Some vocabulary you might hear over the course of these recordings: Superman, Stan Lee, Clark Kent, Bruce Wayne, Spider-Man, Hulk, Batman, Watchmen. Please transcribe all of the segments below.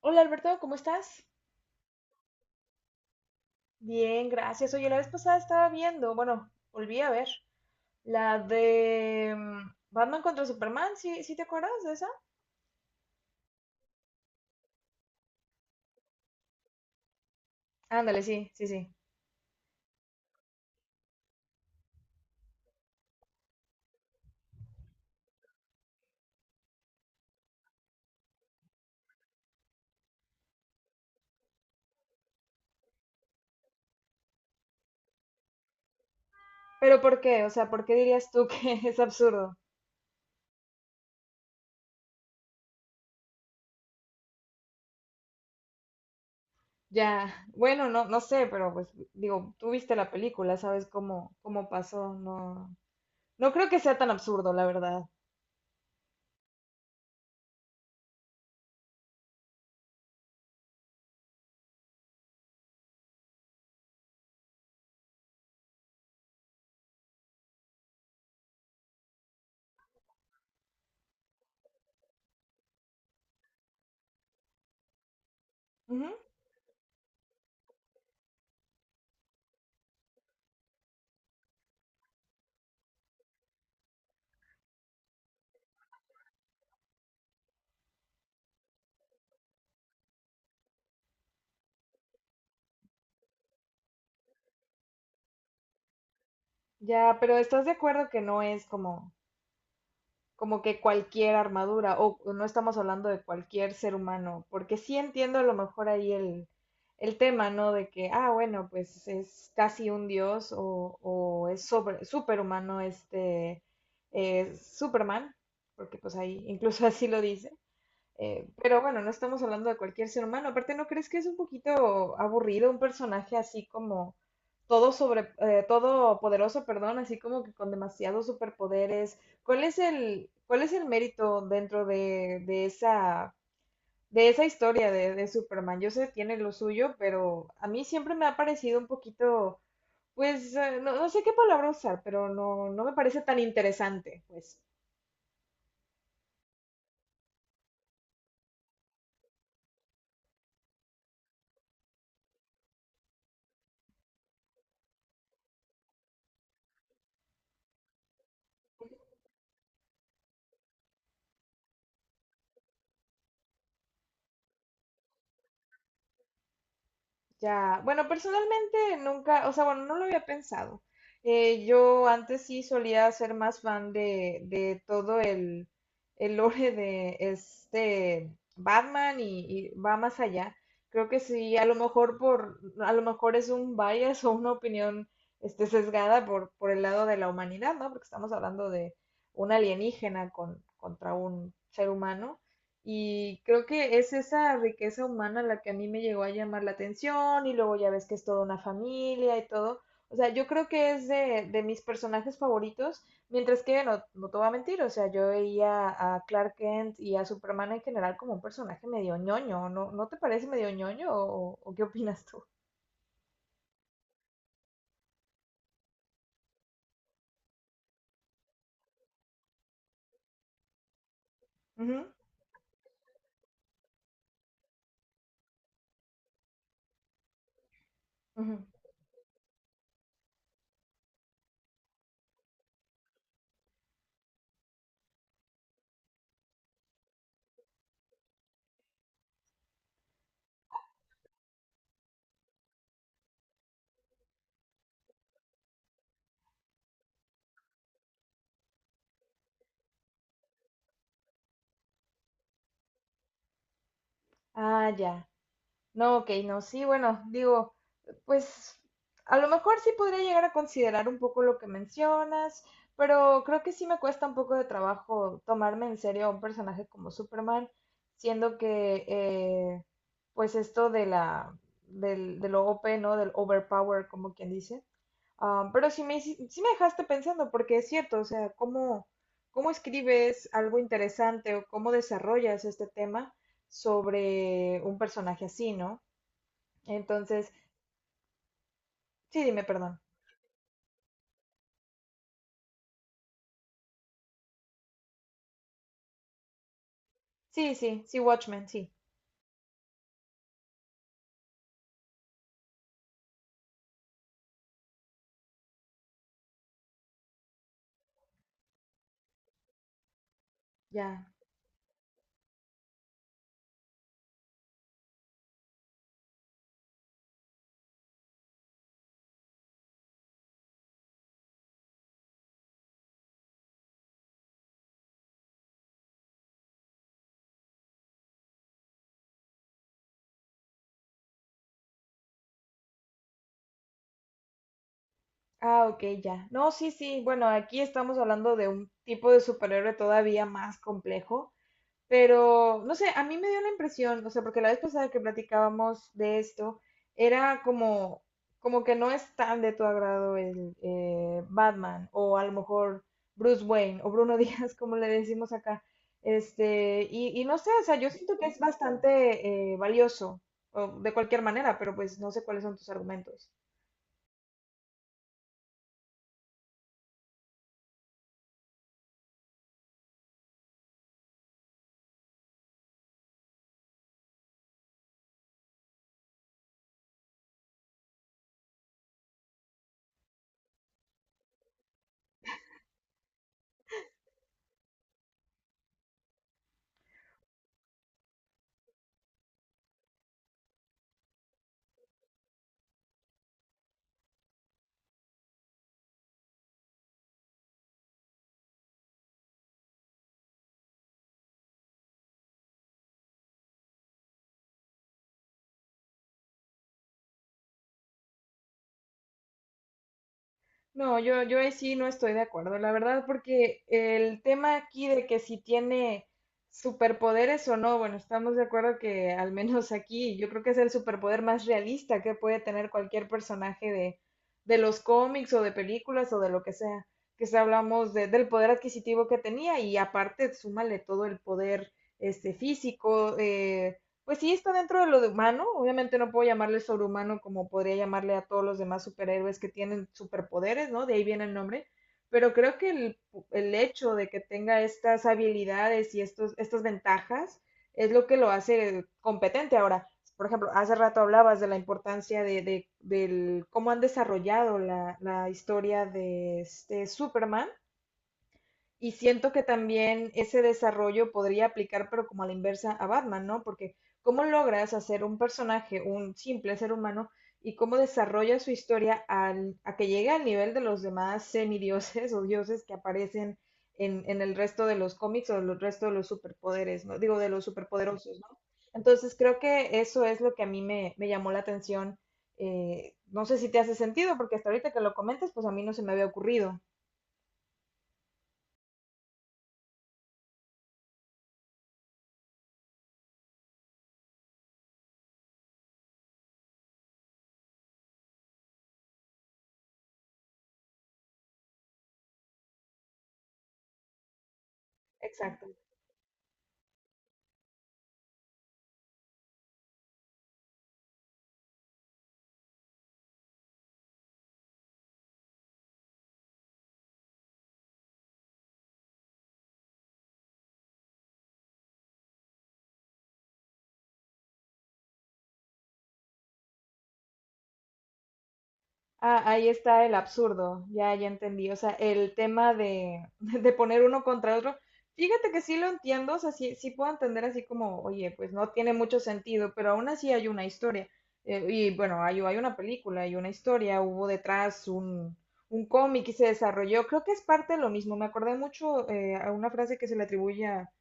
Hola, Alberto, ¿cómo estás? Bien, gracias. Oye, la vez pasada estaba viendo, bueno, volví a ver la de Batman contra Superman, ¿sí, sí te acuerdas de esa? Ándale, sí, sí, sí. Pero ¿por qué? O sea, ¿por qué dirías tú que es absurdo? Ya, bueno, no, no sé, pero pues digo, tú viste la película, sabes cómo, cómo pasó, no, no creo que sea tan absurdo, la verdad. Ujú. Ya, pero ¿estás de acuerdo que no es como como que cualquier armadura, o no estamos hablando de cualquier ser humano, porque sí entiendo a lo mejor ahí el tema, ¿no? De que, ah, bueno, pues es casi un dios o es sobre, superhumano este Superman, porque pues ahí incluso así lo dice, pero bueno, no estamos hablando de cualquier ser humano. Aparte, ¿no crees que es un poquito aburrido un personaje así como todo sobre, todo poderoso, perdón, así como que con demasiados superpoderes? Cuál es el mérito dentro de esa historia de Superman? Yo sé, tiene lo suyo, pero a mí siempre me ha parecido un poquito, pues, no, no sé qué palabra usar, pero no, no me parece tan interesante, pues. Ya, bueno, personalmente nunca, o sea, bueno, no lo había pensado. Yo antes sí solía ser más fan de todo el lore de este Batman y va más allá. Creo que sí, a lo mejor por, a lo mejor es un bias o una opinión este, sesgada por el lado de la humanidad, ¿no? Porque estamos hablando de un alienígena con, contra un ser humano. Y creo que es esa riqueza humana la que a mí me llegó a llamar la atención y luego ya ves que es toda una familia y todo. O sea, yo creo que es de mis personajes favoritos, mientras que no, no te voy a mentir, o sea, yo veía a Clark Kent y a Superman en general como un personaje medio ñoño, ¿no, no te parece medio ñoño o qué opinas tú? Ujú, ujú. Ah, ya. No, ok, no, sí, bueno, digo, pues a lo mejor sí podría llegar a considerar un poco lo que mencionas, pero creo que sí me cuesta un poco de trabajo tomarme en serio a un personaje como Superman, siendo que pues esto de la del, del OP, ¿no? Del overpower, como quien dice. Ah, pero sí me, sí me dejaste pensando, porque es cierto, o sea, cómo, cómo escribes algo interesante o cómo desarrollas este tema sobre un personaje así, ¿no? Entonces, sí, dime, perdón. Sí, sí, sí, Watchmen, sí, ya. Ah, ok, ya. No, sí, sí, bueno, aquí estamos hablando de un tipo de superhéroe todavía más complejo. Pero, no sé, a mí me dio la impresión, o sea, porque la vez pasada que platicábamos de esto, era como, como que no es tan de tu agrado el Batman, o a lo mejor Bruce Wayne, o Bruno Díaz, como le decimos acá. Este, y no sé, o sea, yo siento que es bastante valioso, o de cualquier manera, pero pues no sé cuáles son tus argumentos. No, yo ahí sí no estoy de acuerdo, la verdad, porque el tema aquí de que si tiene superpoderes o no, bueno, estamos de acuerdo que al menos aquí yo creo que es el superpoder más realista que puede tener cualquier personaje de los cómics o de películas o de lo que sea, que si hablamos de- del poder adquisitivo que tenía y aparte súmale todo el poder este, físico, pues sí, está dentro de lo de humano. Obviamente no puedo llamarle sobrehumano como podría llamarle a todos los demás superhéroes que tienen superpoderes, ¿no? De ahí viene el nombre. Pero creo que el hecho de que tenga estas habilidades y estos, estas ventajas es lo que lo hace competente. Ahora, por ejemplo, hace rato hablabas de la importancia de- del cómo han desarrollado la, la historia de este Superman y siento que también ese desarrollo podría aplicar, pero como a la inversa, a Batman, ¿no? Porque ¿cómo logras hacer un personaje, un simple ser humano, y cómo desarrolla su historia al, a que llegue al nivel de los demás semidioses o dioses que aparecen en el resto de los cómics o el resto de los superpoderes, ¿no? Digo, de los superpoderosos, ¿no? Entonces creo que eso es lo que a mí me, me llamó la atención. No sé si te hace sentido, porque hasta ahorita que lo comentas, pues a mí no se me había ocurrido. Exacto. Ah, ahí está el absurdo, ya, ya entendí. O sea, el tema de, de poner uno contra otro. Fíjate que sí lo entiendo, o sea, sí, sí puedo entender así como, oye, pues no tiene mucho sentido, pero aún así hay una historia. Y bueno, hay una película, hay una historia, hubo detrás un cómic y se desarrolló. Creo que es parte de lo mismo. Me acordé mucho a una frase que se le atribuye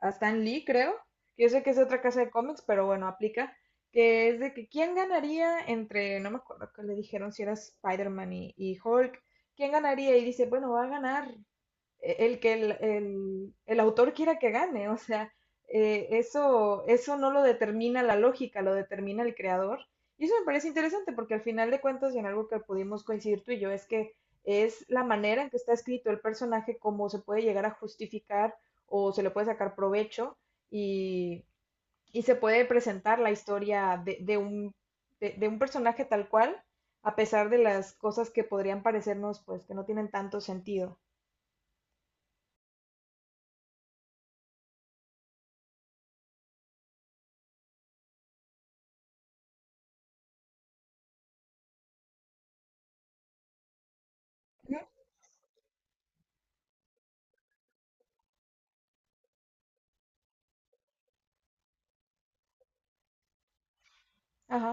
a Stan Lee, creo. Yo sé que es de otra casa de cómics, pero bueno, aplica que es de que quién ganaría entre, no me acuerdo que le dijeron si era Spider-Man y Hulk, quién ganaría y dice, bueno, va a ganar el que el, el autor quiera que gane, o sea, eso, eso no lo determina la lógica, lo determina el creador. Y eso me parece interesante porque al final de cuentas, y en algo que pudimos coincidir tú y yo, es que es la manera en que está escrito el personaje, cómo se puede llegar a justificar o se le puede sacar provecho. Y, y se puede presentar la historia de un personaje tal cual, a pesar de las cosas que podrían parecernos, pues, que no tienen tanto sentido. Ujú. Ajá,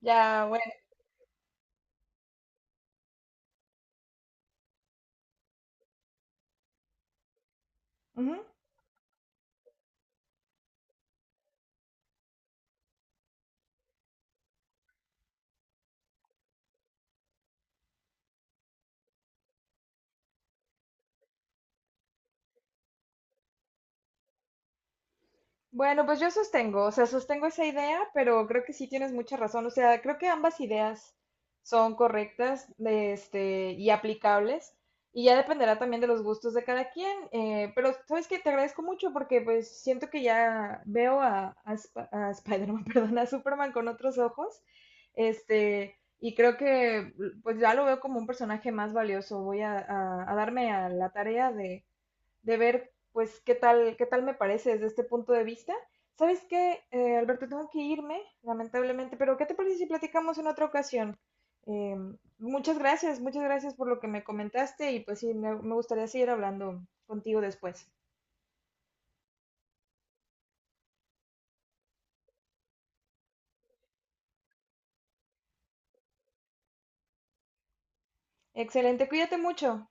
ya, bueno. Bueno, pues yo sostengo, o sea, sostengo esa idea, pero creo que sí tienes mucha razón. O sea, creo que ambas ideas son correctas, de este, y aplicables, y ya dependerá también de los gustos de cada quien. Eh, pero sabes que te agradezco mucho porque pues siento que ya veo a a Spider-Man, perdón, a Superman con otros ojos, este, y creo que pues ya lo veo como un personaje más valioso. Voy a, a darme a la tarea de ver, pues, qué tal me parece desde este punto de vista. ¿Sabes qué, Alberto? Tengo que irme, lamentablemente, pero ¿qué te parece si platicamos en otra ocasión? Muchas gracias, muchas gracias por lo que me comentaste y pues sí, me gustaría seguir hablando contigo después. Excelente, cuídate mucho.